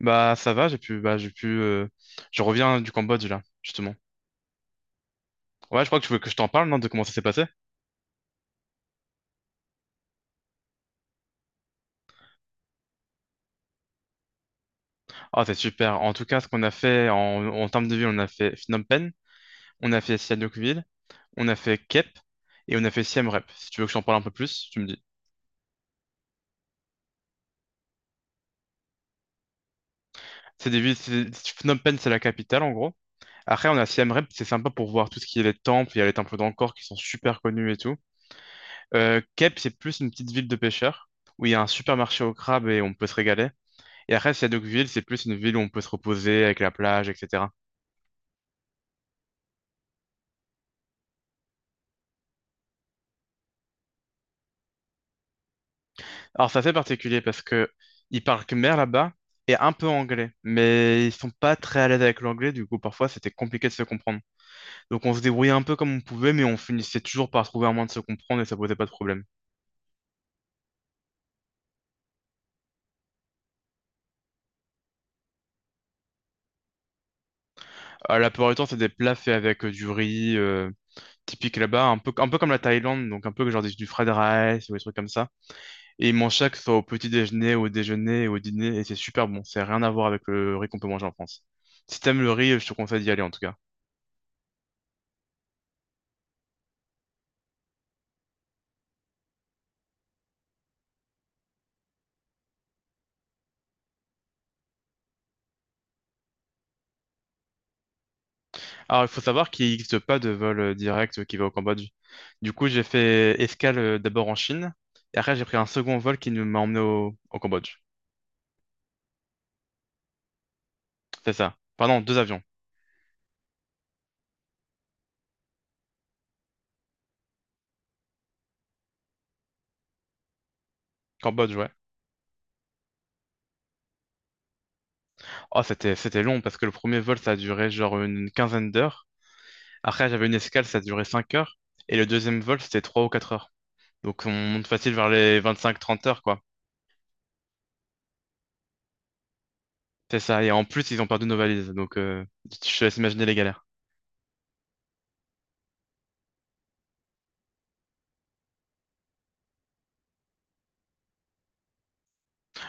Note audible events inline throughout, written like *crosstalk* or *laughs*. Bah ça va, j'ai pu, bah j'ai pu, je reviens du Cambodge là, justement. Ouais, je crois que tu veux que je t'en parle, non, de comment ça s'est passé? Ah, c'est super. En tout cas, ce qu'on a fait en termes de ville, on a fait Phnom Penh, on a fait Sihanoukville, on a fait Kep et on a fait Siem Reap. Si tu veux que je t'en parle un peu plus, tu me dis. C'est des villes. Phnom Penh, c'est la capitale en gros. Après, on a Siem Reap, c'est sympa pour voir tout ce qui est les temples. Il y a les temples d'Angkor qui sont super connus et tout. Kep, c'est plus une petite ville de pêcheurs où il y a un supermarché au crabe et on peut se régaler. Et après, s'il y a Deauville, c'est plus une ville où on peut se reposer avec la plage, etc. Alors, c'est assez particulier parce que ils parlent khmer là-bas et un peu anglais, mais ils sont pas très à l'aise avec l'anglais, du coup, parfois, c'était compliqué de se comprendre. Donc, on se débrouillait un peu comme on pouvait, mais on finissait toujours par trouver un moyen de se comprendre et ça posait pas de problème. La plupart du temps, c'est des plats faits avec du riz, typique là-bas, un peu comme la Thaïlande, donc un peu genre du fried rice ou des trucs comme ça. Et ils mangent ça que ce soit au petit déjeuner, au dîner, et c'est super bon. C'est rien à voir avec le riz qu'on peut manger en France. Si t'aimes le riz, je te conseille d'y aller en tout cas. Alors, il faut savoir qu'il n'existe pas de vol direct qui va au Cambodge. Du coup, j'ai fait escale d'abord en Chine, et après, j'ai pris un second vol qui nous m'a emmené au Cambodge. C'est ça. Pardon, deux avions. Cambodge, ouais. Oh, c'était long parce que le premier vol, ça a duré genre une quinzaine d'heures. Après, j'avais une escale, ça a duré 5 heures. Et le deuxième vol, c'était 3 ou 4 heures. Donc, on monte facile vers les 25 30 heures, quoi. C'est ça, et en plus, ils ont perdu nos valises, donc je te laisse imaginer les galères.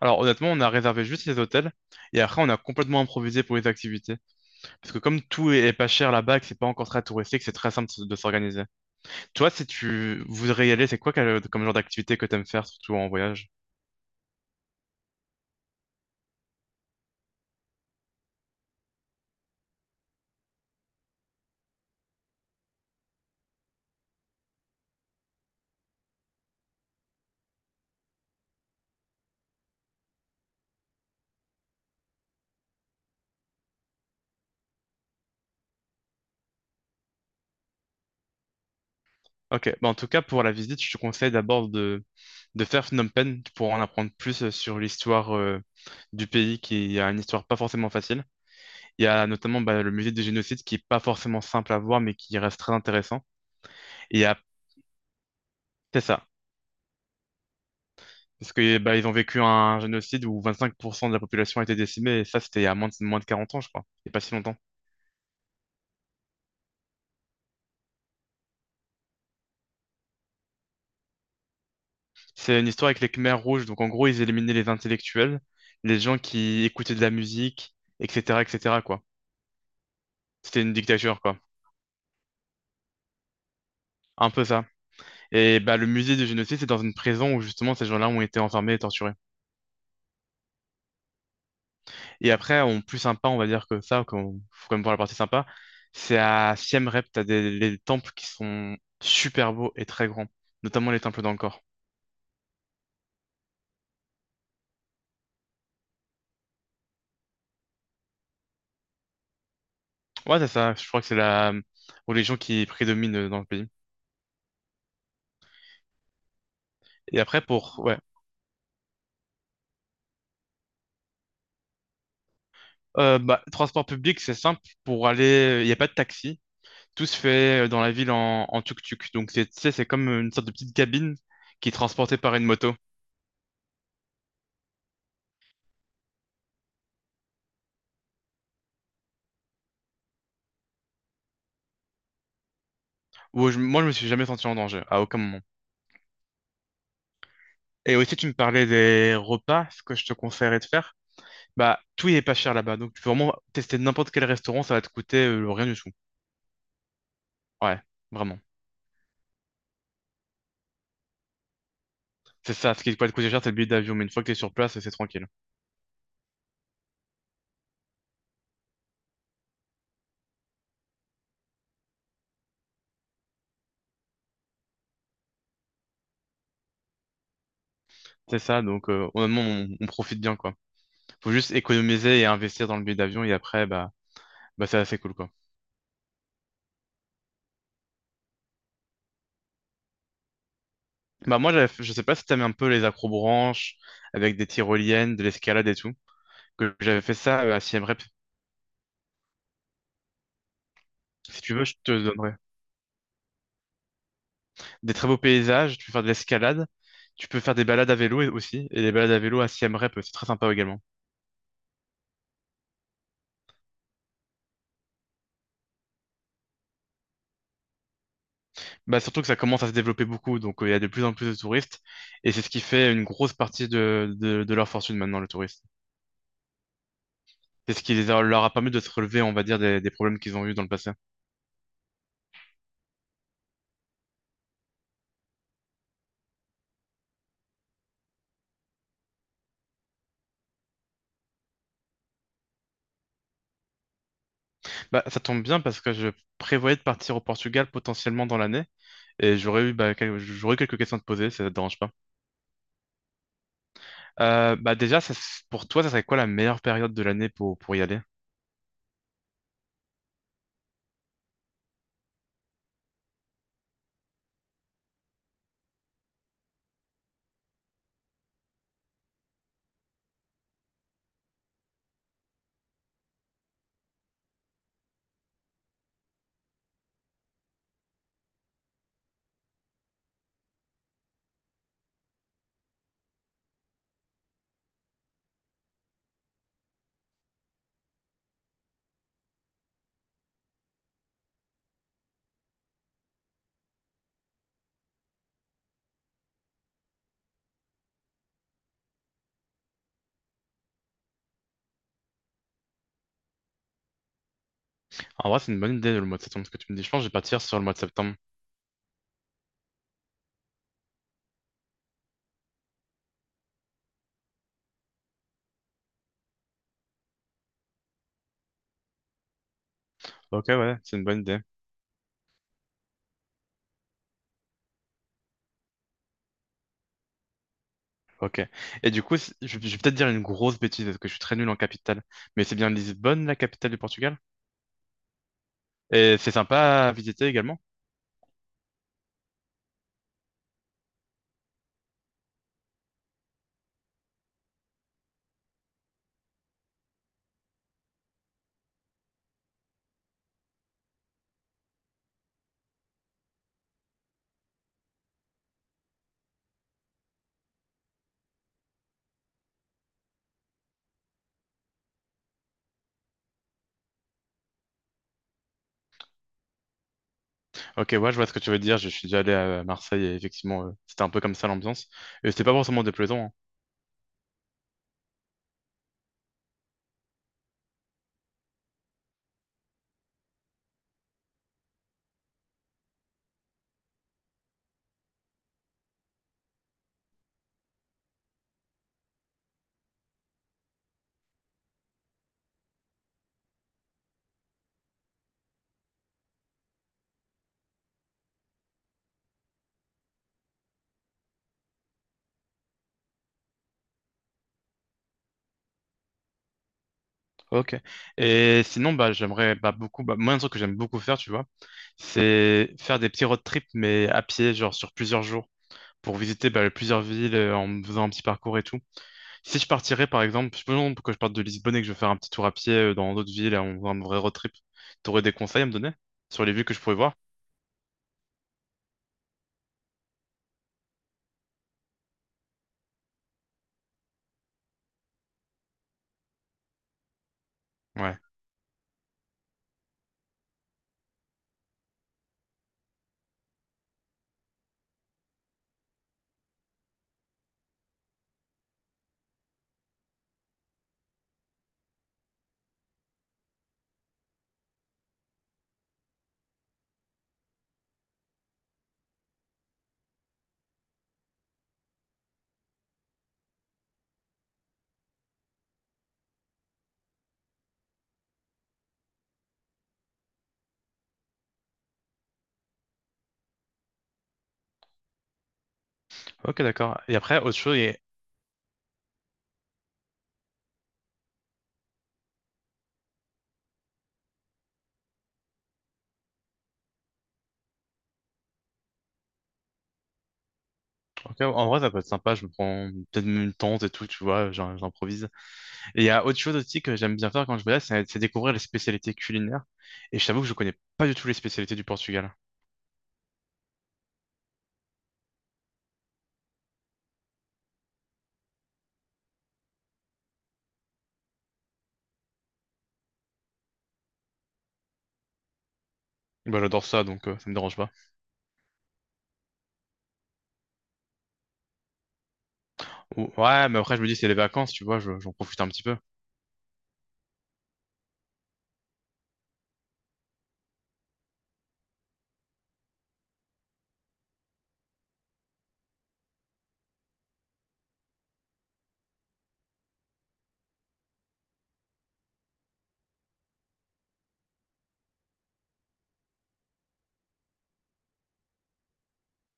Alors honnêtement, on a réservé juste les hôtels, et après, on a complètement improvisé pour les activités. Parce que comme tout est pas cher là-bas, et que c'est pas encore très touristique, c'est très simple de s'organiser. Toi, si tu voudrais y aller, c'est quoi comme genre d'activité que t'aimes faire, surtout en voyage? Ok, bah en tout cas, pour la visite, je te conseille d'abord de faire Phnom Penh pour en apprendre plus sur l'histoire du pays, qui a une histoire pas forcément facile. Il y a notamment bah, le musée du génocide qui est pas forcément simple à voir, mais qui reste très intéressant. Et ap- c'est ça. Parce que bah, ils ont vécu un génocide où 25% de la population a été décimée, et ça, c'était il y a moins de 40 ans, je crois. C'est pas si longtemps. C'est une histoire avec les Khmers rouges. Donc, en gros, ils éliminaient les intellectuels, les gens qui écoutaient de la musique, etc., etc., quoi. C'était une dictature, quoi. Un peu ça. Et bah, le musée du génocide, c'est dans une prison où justement ces gens-là ont été enfermés et torturés. Et après, en plus sympa, on va dire que ça, qu'on faut quand même voir la partie sympa, c'est à Siem Reap, t'as des les temples qui sont super beaux et très grands, notamment les temples d'Angkor. Ouais, c'est ça. Je crois que c'est la religion qui prédomine dans le pays. Et après, pour... Ouais. Bah, transport public, c'est simple. Pour aller... Il n'y a pas de taxi. Tout se fait dans la ville en tuk-tuk. Donc, tu sais, c'est comme une sorte de petite cabine qui est transportée par une moto. Où moi, je me suis jamais senti en danger, à aucun moment. Et aussi, tu me parlais des repas, ce que je te conseillerais de faire. Bah, tout n'est pas cher là-bas. Donc, tu peux vraiment tester n'importe quel restaurant, ça va te coûter rien du tout. Ouais, vraiment. C'est ça, ce qui va te coûter cher, c'est le billet d'avion. Mais une fois que tu es sur place, c'est tranquille. C'est ça, donc honnêtement, on profite bien, quoi. Faut juste économiser et investir dans le billet d'avion, et après, bah c'est assez cool, quoi. Bah moi, je sais pas si t'aimes un peu les acrobranches, avec des tyroliennes, de l'escalade et tout, que j'avais fait ça à Siem Reap. Si tu veux, je te donnerai des très beaux paysages, tu peux faire de l'escalade, tu peux faire des balades à vélo aussi, et les balades à vélo à Siem Reap, c'est très sympa également. Bah surtout que ça commence à se développer beaucoup, donc il y a de plus en plus de touristes, et c'est ce qui fait une grosse partie de leur fortune maintenant, le tourisme. C'est ce qui leur a permis de se relever, on va dire, des problèmes qu'ils ont eu dans le passé. Bah, ça tombe bien parce que je prévoyais de partir au Portugal potentiellement dans l'année et j'aurais quelques questions à te poser, ça te dérange pas. Bah déjà, pour toi, ça serait quoi la meilleure période de l'année pour y aller? En vrai, c'est une bonne idée le mois de septembre, ce que tu me dis. Je pense que je vais partir sur le mois de septembre. Ok, ouais, c'est une bonne idée. Ok. Et du coup, je vais peut-être dire une grosse bêtise parce que je suis très nul en capitale. Mais c'est bien Lisbonne, la capitale du Portugal? Et c'est sympa à visiter également. Ok, ouais, je vois ce que tu veux dire. Je suis déjà allé à Marseille et effectivement, c'était un peu comme ça l'ambiance. Et c'était pas forcément déplaisant, hein. Ok. Et sinon, bah, j'aimerais bah, beaucoup. Bah, moi, un truc que j'aime beaucoup faire, tu vois, c'est faire des petits road trips, mais à pied, genre sur plusieurs jours, pour visiter bah, plusieurs villes en faisant un petit parcours et tout. Si je partirais, par exemple, je me demande pourquoi je parte de Lisbonne et que je vais faire un petit tour à pied dans d'autres villes, un vrai road trip, t'aurais des conseils à me donner sur les villes que je pourrais voir? Ouais. Ok, d'accord. Et après, autre chose, ok, en vrai, ça peut être sympa, je me prends peut-être même une tente et tout, tu vois, j'improvise. Et il y a autre chose aussi que j'aime bien faire quand je voyage, c'est découvrir les spécialités culinaires. Et je t'avoue que je connais pas du tout les spécialités du Portugal. Bah, j'adore ça, donc ça me dérange pas. Ouais, mais après, je me dis, c'est les vacances, tu vois, j'en profite un petit peu.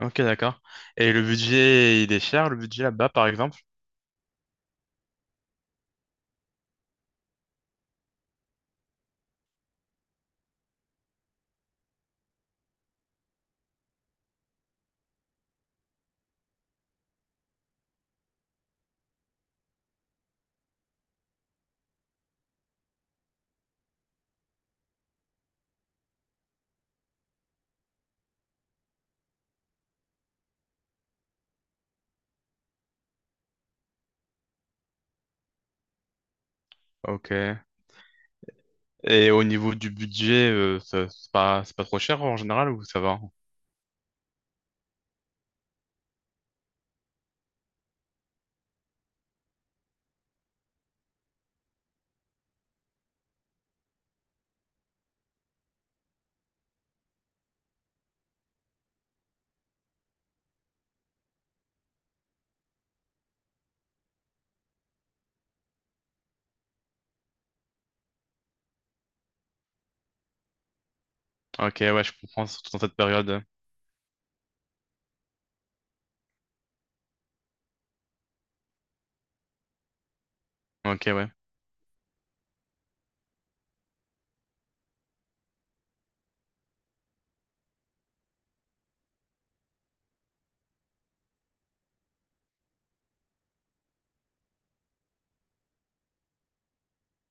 Ok, d'accord. Et le budget, il est cher, le budget là-bas, par exemple? Ok. Et au niveau du budget, c'est pas trop cher en général ou ça va? Ok, ouais, je comprends, surtout dans cette période. Ok, ouais.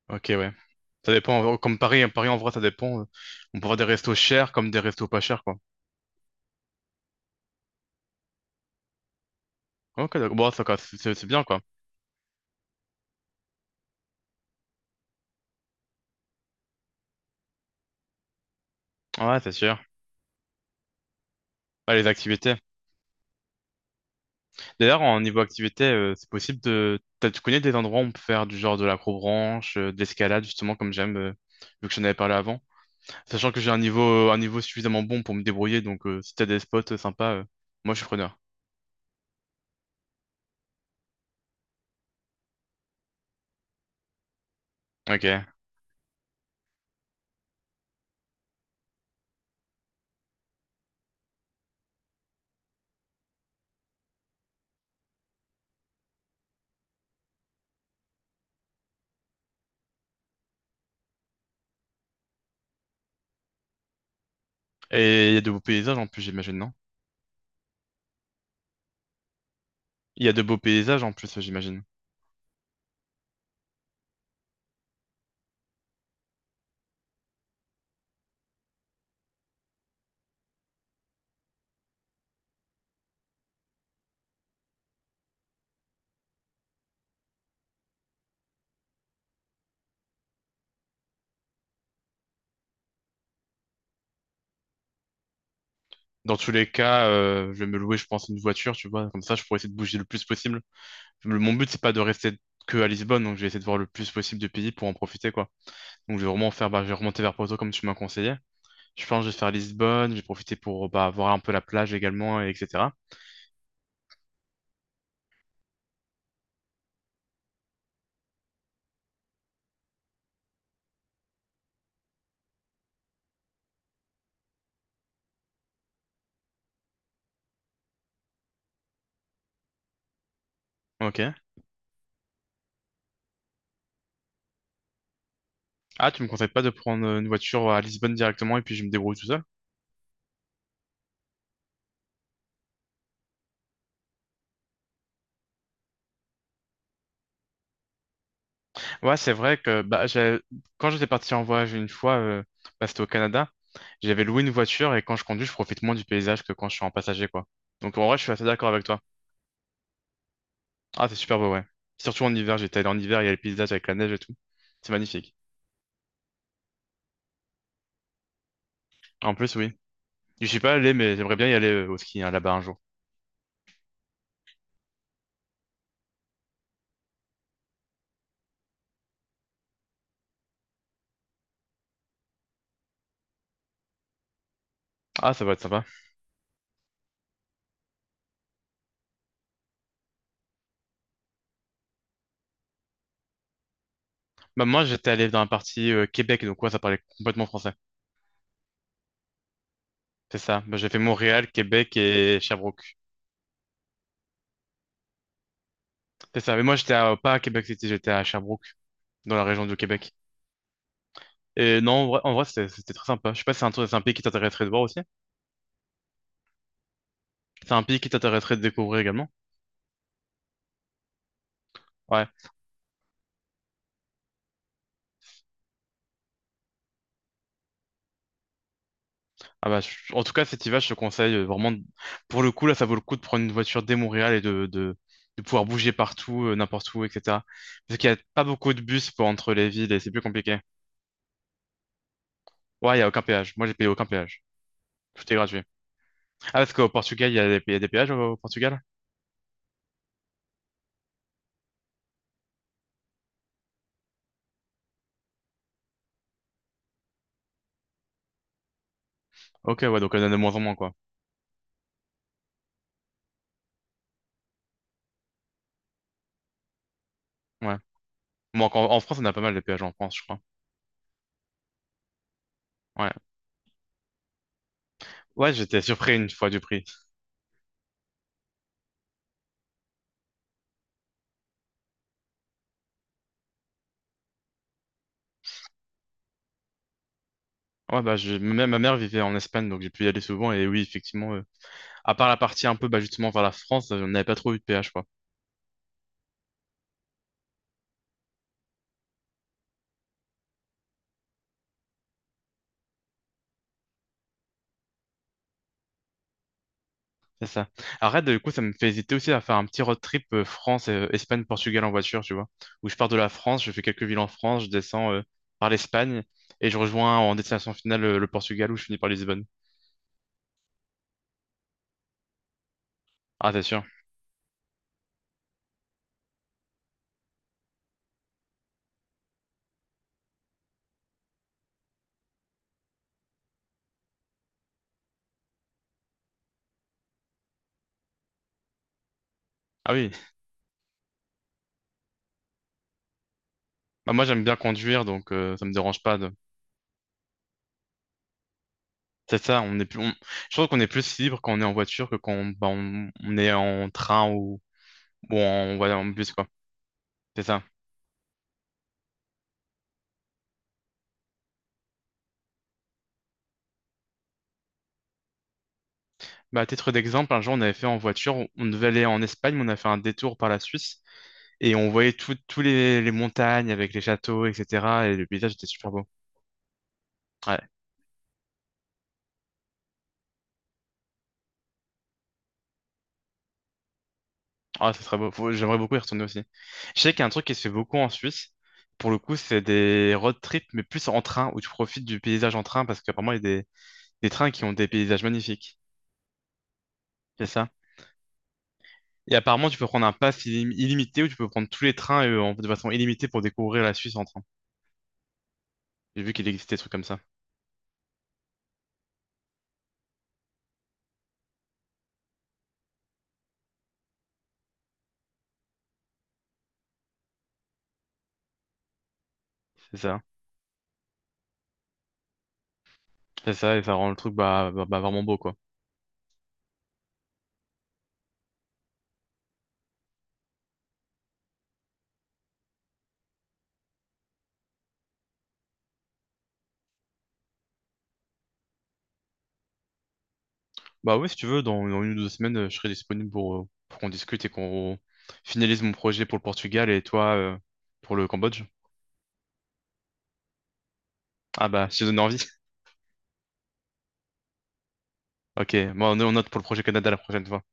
Ok, ouais. Ça dépend, comme Paris, hein, Paris en vrai, ça dépend. On peut avoir des restos chers comme des restos pas chers, quoi. Ok, d'accord. Bon, ça, quoi, c'est bien, quoi. Ouais, c'est sûr. Ouais, les activités. D'ailleurs, en niveau activité, c'est possible de. T'as- tu connais des endroits où on peut faire du genre de l'acrobranche, de l'escalade, justement, comme j'aime, vu que j'en avais parlé avant? Sachant que j'ai un niveau suffisamment bon pour me débrouiller, donc si t'as des spots sympas, moi je suis preneur. Ok. Et il y a de beaux paysages en plus, j'imagine, non? Il y a de beaux paysages en plus, j'imagine. Dans tous les cas, je vais me louer, je pense, une voiture, tu vois, comme ça je pourrais essayer de bouger le plus possible. Mon but, c'est pas de rester que à Lisbonne, donc je vais essayer de voir le plus possible de pays pour en profiter, quoi. Donc je vais vraiment faire, bah, je vais remonter vers Porto comme tu m'as conseillé. Je pense que je vais faire Lisbonne, je vais profiter pour bah, voir un peu la plage également, et etc. Ok. Ah, tu me conseilles pas de prendre une voiture à Lisbonne directement et puis je me débrouille tout seul? Ouais, c'est vrai que bah, quand j'étais parti en voyage une fois, bah, c'était au Canada, j'avais loué une voiture et quand je conduis, je profite moins du paysage que quand je suis en passager, quoi. Donc en vrai, je suis assez d'accord avec toi. Ah, c'est super beau, ouais. Surtout en hiver, j'étais allé en hiver, il y a le paysage avec la neige et tout. C'est magnifique. En plus, oui. Je suis pas allé, mais j'aimerais bien y aller au ski hein, là-bas un jour. Ah, ça va être sympa. Bah, moi, j'étais allé dans la partie Québec, donc ouais, ça parlait complètement français. C'est ça. Bah, j'ai fait Montréal, Québec et Sherbrooke. C'est ça, mais moi pas à Québec City, j'étais à Sherbrooke, dans la région du Québec. Et non, en vrai, c'était très sympa. Je sais pas si c'est c'est un pays qui t'intéresserait de voir aussi. C'est un pays qui t'intéresserait de découvrir également. Ouais. Ah bah, en tout cas, cet hiver, je te conseille vraiment. Pour le coup, là, ça vaut le coup de prendre une voiture dès Montréal et de pouvoir bouger partout, n'importe où, etc. Parce qu'il y a pas beaucoup de bus pour entre les villes et c'est plus compliqué. Ouais, il y a aucun péage. Moi, j'ai payé aucun péage. Tout est gratuit. Ah, parce qu'au Portugal, il y a il y a des péages au Portugal? Ok, ouais, donc il y en a de moins en moins, quoi. Ouais. Bon, en France, on a pas mal de péages en France, je crois. Ouais, ouais, j'étais surpris une fois du prix. Ouais, bah, je... ma mère vivait en Espagne, donc j'ai pu y aller souvent. Et oui, effectivement, à part la partie un peu bah, justement vers la France, on n'avait pas trop eu de péage, quoi. C'est ça. Arrête, du coup, ça me fait hésiter aussi à faire un petit road trip France, Espagne, Portugal en voiture, tu vois. Où je pars de la France, je fais quelques villes en France, je descends par l'Espagne et je rejoins en destination finale le Portugal où je finis par Lisbonne. Ah, c'est sûr. Ah oui. Bah, moi, j'aime bien conduire, donc ça me dérange pas. De. C'est ça, on est plus, on- je trouve qu'on est plus libre quand on est en voiture que quand on, bah, on est en train ou en, voilà, en bus, quoi. C'est ça. Bah, à titre d'exemple, un jour, on avait fait en voiture, on devait aller en Espagne, mais on a fait un détour par la Suisse et on voyait toutes tous les montagnes avec les châteaux, etc. Et le paysage était super beau. Ouais, ah, ça serait beau. J'aimerais beaucoup y retourner aussi. Je sais qu'il y a un truc qui se fait beaucoup en Suisse. Pour le coup, c'est des road trips, mais plus en train, où tu profites du paysage en train, parce qu'apparemment, il y a des trains qui ont des paysages magnifiques. C'est ça? Et apparemment, tu peux prendre un illimité ou tu peux prendre tous les trains de façon illimitée pour découvrir la Suisse en train. J'ai vu qu'il existait des trucs comme ça. C'est ça. C'est ça, et ça rend le truc vraiment beau, quoi. Bah ouais, si tu veux, dans une ou deux semaines, je serai disponible pour qu'on discute et qu'on finalise mon projet pour le Portugal et toi pour le Cambodge. Ah bah, je te donne envie. *laughs* Ok, bon, on note pour le projet Canada la prochaine fois.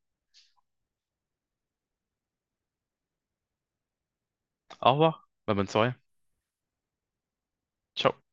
Au revoir. Bah, bonne soirée. Ciao.